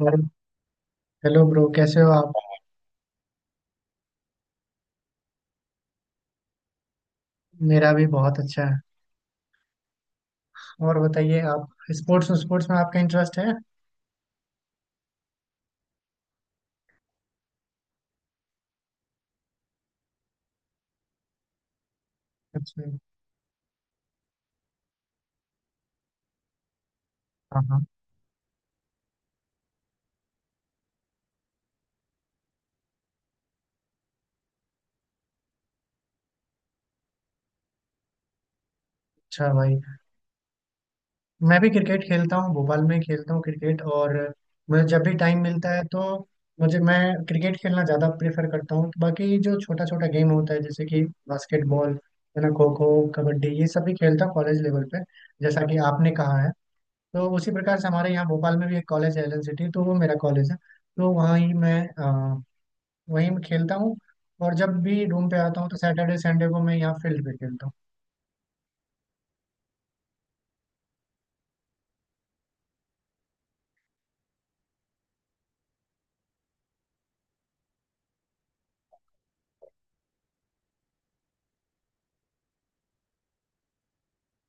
और hello bro, कैसे हो आप। मेरा भी बहुत अच्छा है। और बताइए आप। स्पोर्ट्स स्पोर्ट्स में आपका इंटरेस्ट है? अच्छा। हाँ हाँ। अच्छा भाई, मैं भी क्रिकेट खेलता हूँ, भोपाल में खेलता हूँ क्रिकेट। और मुझे जब भी टाइम मिलता है तो मुझे मैं क्रिकेट खेलना ज़्यादा प्रेफर करता हूँ। बाकी जो छोटा छोटा गेम होता है, जैसे कि बास्केटबॉल है ना, खो खो, कबड्डी, ये सब भी खेलता हूँ कॉलेज लेवल पे। जैसा कि आपने कहा है, तो उसी प्रकार से हमारे यहाँ भोपाल में भी एक कॉलेज है LN सिटी, तो वो मेरा कॉलेज है। तो वहाँ ही मैं वही मैं खेलता हूँ। और जब भी रूम पे आता हूँ तो सैटरडे संडे को मैं यहाँ फील्ड पे खेलता हूँ।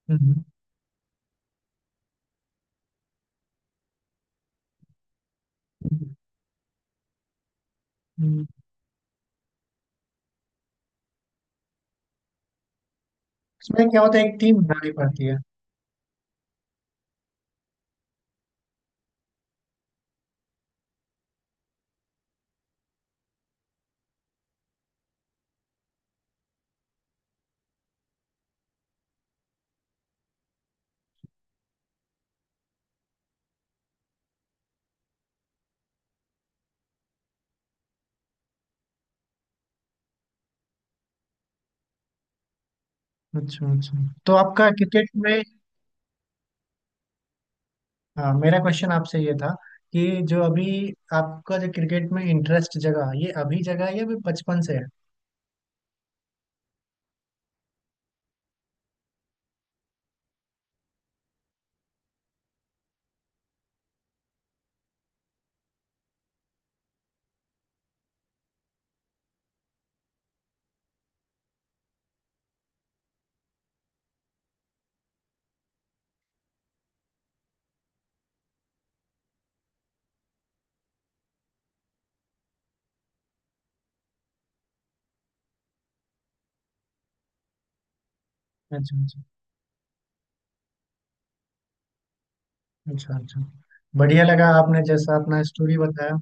हम्म। हम्म। हम्म। इसमें क्या होता है, एक टीम बनानी पड़ती है। अच्छा अच्छा। तो आपका क्रिकेट में, हाँ, मेरा क्वेश्चन आपसे ये था कि जो अभी आपका जो क्रिकेट में इंटरेस्ट जगह ये अभी जगह है या अभी बचपन से है। अच्छा अच्छा अच्छा अच्छा। बढ़िया लगा आपने जैसा अपना स्टोरी बताया।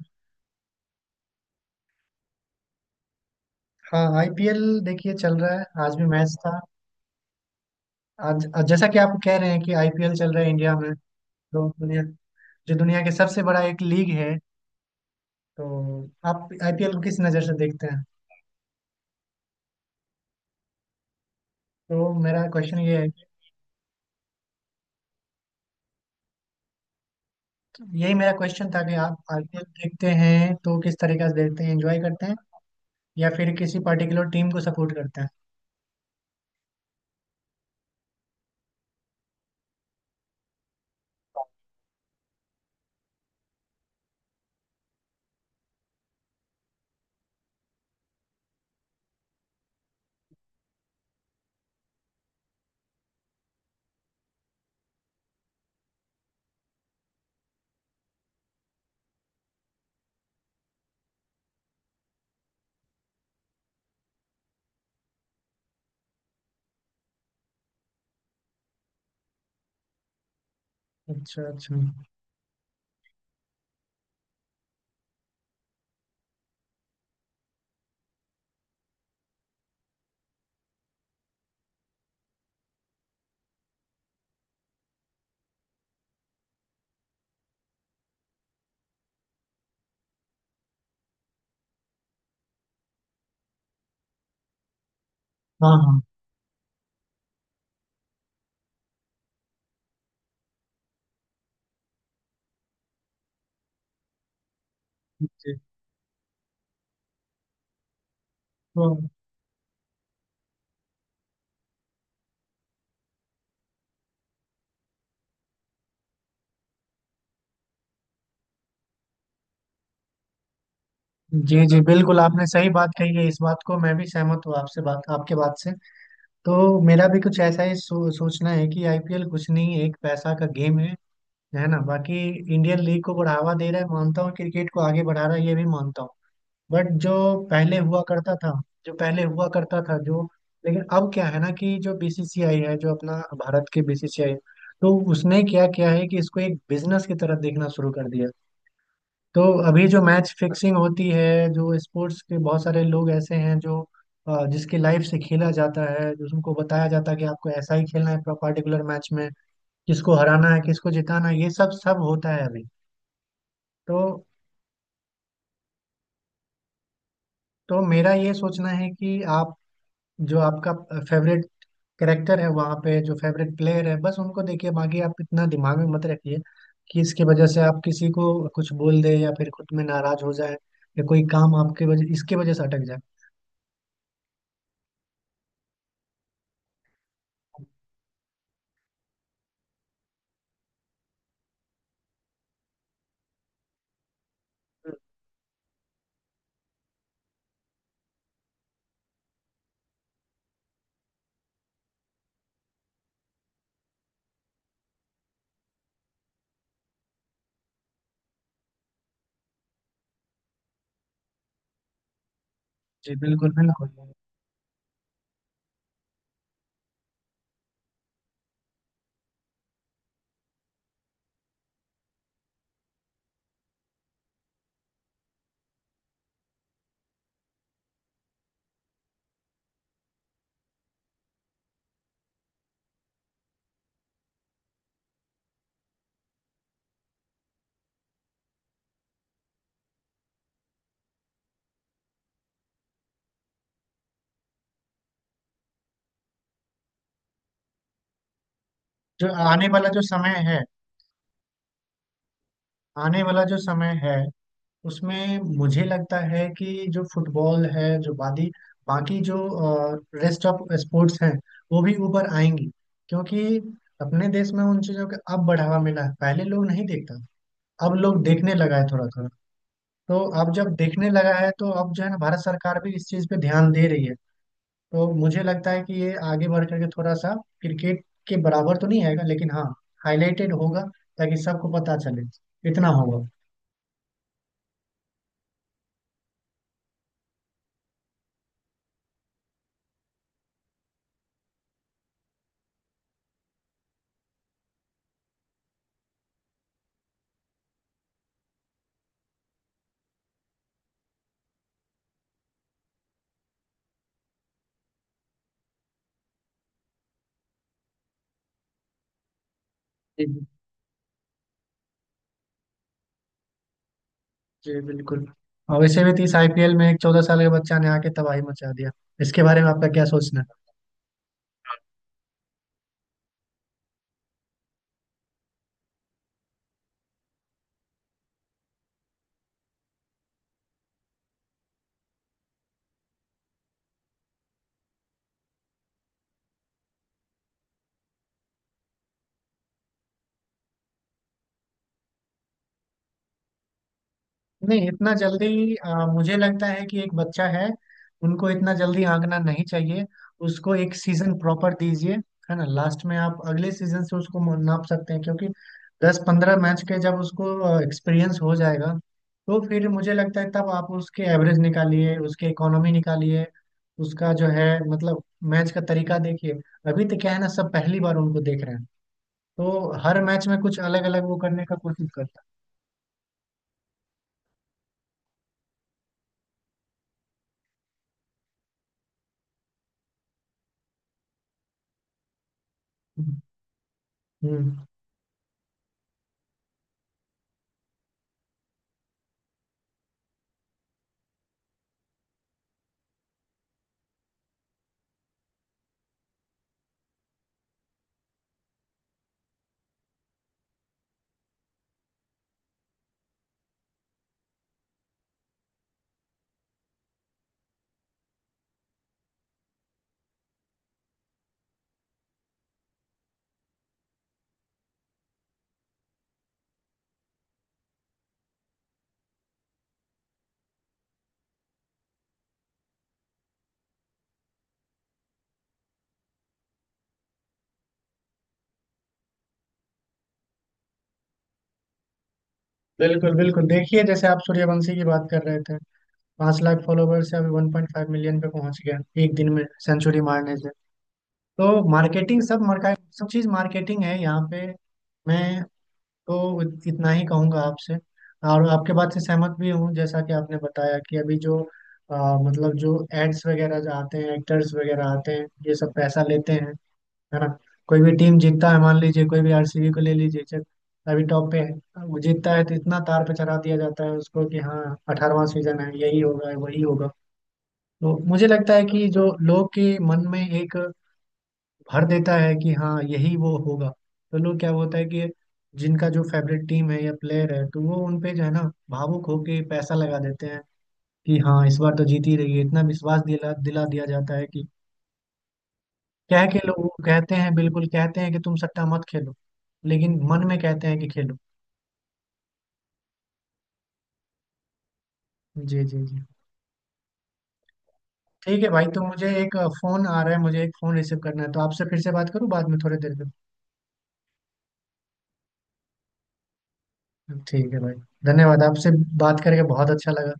हाँ, आईपीएल देखिए चल रहा है, आज भी मैच था। आज जैसा कि आप कह रहे हैं कि आईपीएल चल रहा है इंडिया में, तो बढ़िया। जो दुनिया के सबसे बड़ा एक लीग है, तो आप आईपीएल को किस नज़र से देखते हैं? तो मेरा क्वेश्चन ये है। यही मेरा क्वेश्चन था कि आप आईपीएल देखते हैं तो किस तरीके से देखते हैं, एंजॉय करते हैं या फिर किसी पर्टिकुलर टीम को सपोर्ट करते हैं? अच्छा अच्छा। हाँ हाँ। जी। तो जी जी बिल्कुल, आपने सही बात कही है, इस बात को मैं भी सहमत हूँ आपसे, बात आपके बात से। तो मेरा भी कुछ ऐसा ही सोचना है कि आईपीएल कुछ नहीं, एक पैसा का गेम है ना। बाकी इंडियन लीग को बढ़ावा दे रहा है, मानता हूँ, क्रिकेट को आगे बढ़ा रहा है ये भी मानता हूँ। बट जो पहले हुआ करता था, जो पहले हुआ करता था, जो, लेकिन अब क्या है ना कि जो बीसीसीआई है, जो अपना भारत के बीसीसीआई, तो उसने क्या किया है कि इसको एक बिजनेस की तरह देखना शुरू कर दिया। तो अभी जो मैच फिक्सिंग होती है, जो स्पोर्ट्स के बहुत सारे लोग ऐसे हैं जो, जिसकी लाइफ से खेला जाता है, जो उनको बताया जाता है कि आपको ऐसा ही खेलना है पर्टिकुलर मैच में, किसको हराना है किसको जिताना है, ये सब सब होता है अभी। तो तो मेरा ये सोचना है कि आप, जो आपका फेवरेट कैरेक्टर है वहाँ पे, जो फेवरेट प्लेयर है बस उनको देखिए, बाकी आप इतना दिमाग में मत रखिए कि इसकी वजह से आप किसी को कुछ बोल दे या फिर खुद में नाराज हो जाए, या कोई काम आपके वजह इसके वजह से अटक जाए। जी बिल्कुल बिल्कुल। जो आने वाला जो समय है, आने वाला जो समय है, उसमें मुझे लगता है कि जो फुटबॉल है, जो बादी, बाकी जो रेस्ट ऑफ स्पोर्ट्स हैं, वो भी ऊपर आएंगी। क्योंकि अपने देश में उन चीज़ों का अब बढ़ावा मिला है, पहले लोग नहीं देखता था। अब लोग देखने लगा है थोड़ा थोड़ा। तो अब जब देखने लगा है, तो अब जो है ना, भारत सरकार भी इस चीज़ पे ध्यान दे रही है। तो मुझे लगता है कि ये आगे बढ़ करके थोड़ा सा क्रिकेट के बराबर तो नहीं आएगा, लेकिन हाँ हाईलाइटेड होगा, ताकि सबको पता चले, इतना होगा। जी बिल्कुल। और वैसे भी तो इस आईपीएल में एक 14 साल के बच्चा ने आके तबाही मचा दिया। इसके बारे में आपका क्या सोचना? नहीं इतना जल्दी, मुझे लगता है कि एक बच्चा है, उनको इतना जल्दी आंकना नहीं चाहिए। उसको एक सीजन प्रॉपर दीजिए, है ना। लास्ट में आप अगले सीजन से उसको नाप सकते हैं, क्योंकि 10 15 मैच के जब उसको एक्सपीरियंस हो जाएगा, तो फिर मुझे लगता है तब आप उसके एवरेज निकालिए, उसके इकोनॉमी निकालिए, उसका जो है, मतलब मैच का तरीका देखिए। अभी तो क्या है ना, सब पहली बार उनको देख रहे हैं, तो हर मैच में कुछ अलग अलग वो करने का कोशिश करता है। हम्म। हम्म। बिल्कुल बिल्कुल, देखिए जैसे आप सूर्यवंशी की बात कर रहे थे, 5 लाख फॉलोवर से अभी 1.5 million पे पहुंच गया, एक दिन में सेंचुरी मारने से। तो मार्केटिंग, सब मार्का, सब चीज मार्केटिंग है यहाँ पे। मैं तो इतना ही कहूंगा आपसे, और आपके बात से सहमत भी हूँ, जैसा कि आपने बताया कि अभी जो, अ, मतलब जो एड्स वगैरह जो आते हैं, एक्टर्स वगैरह आते हैं, ये सब पैसा लेते हैं, है ना। कोई भी टीम जीतता है, मान लीजिए कोई भी आरसीबी को ले लीजिए, चल अभी टॉप पे है, वो जीतता है तो इतना तार पे चढ़ा दिया जाता है उसको कि हाँ, 18वां सीजन है, यही होगा वही होगा। तो मुझे लगता है कि जो लोग के मन में एक भर देता है कि हाँ, यही वो होगा। तो लोग, क्या होता है कि जिनका जो फेवरेट टीम है या प्लेयर है, तो वो उन पे जो है ना, भावुक होके पैसा लगा देते हैं कि हाँ इस बार तो जीत ही रही है, इतना विश्वास दिला दिला दिया जाता है कि, क्या है कि, लोग वो कहते हैं, बिल्कुल कहते हैं कि तुम सट्टा मत खेलो, लेकिन मन में कहते हैं कि खेलो। जी जी जी। ठीक है भाई, तो मुझे एक फोन आ रहा है, मुझे एक फोन रिसीव करना है, तो आपसे फिर से बात करूँ बाद में थोड़ी देर में। ठीक है भाई। धन्यवाद आपसे, बात करके बहुत अच्छा लगा।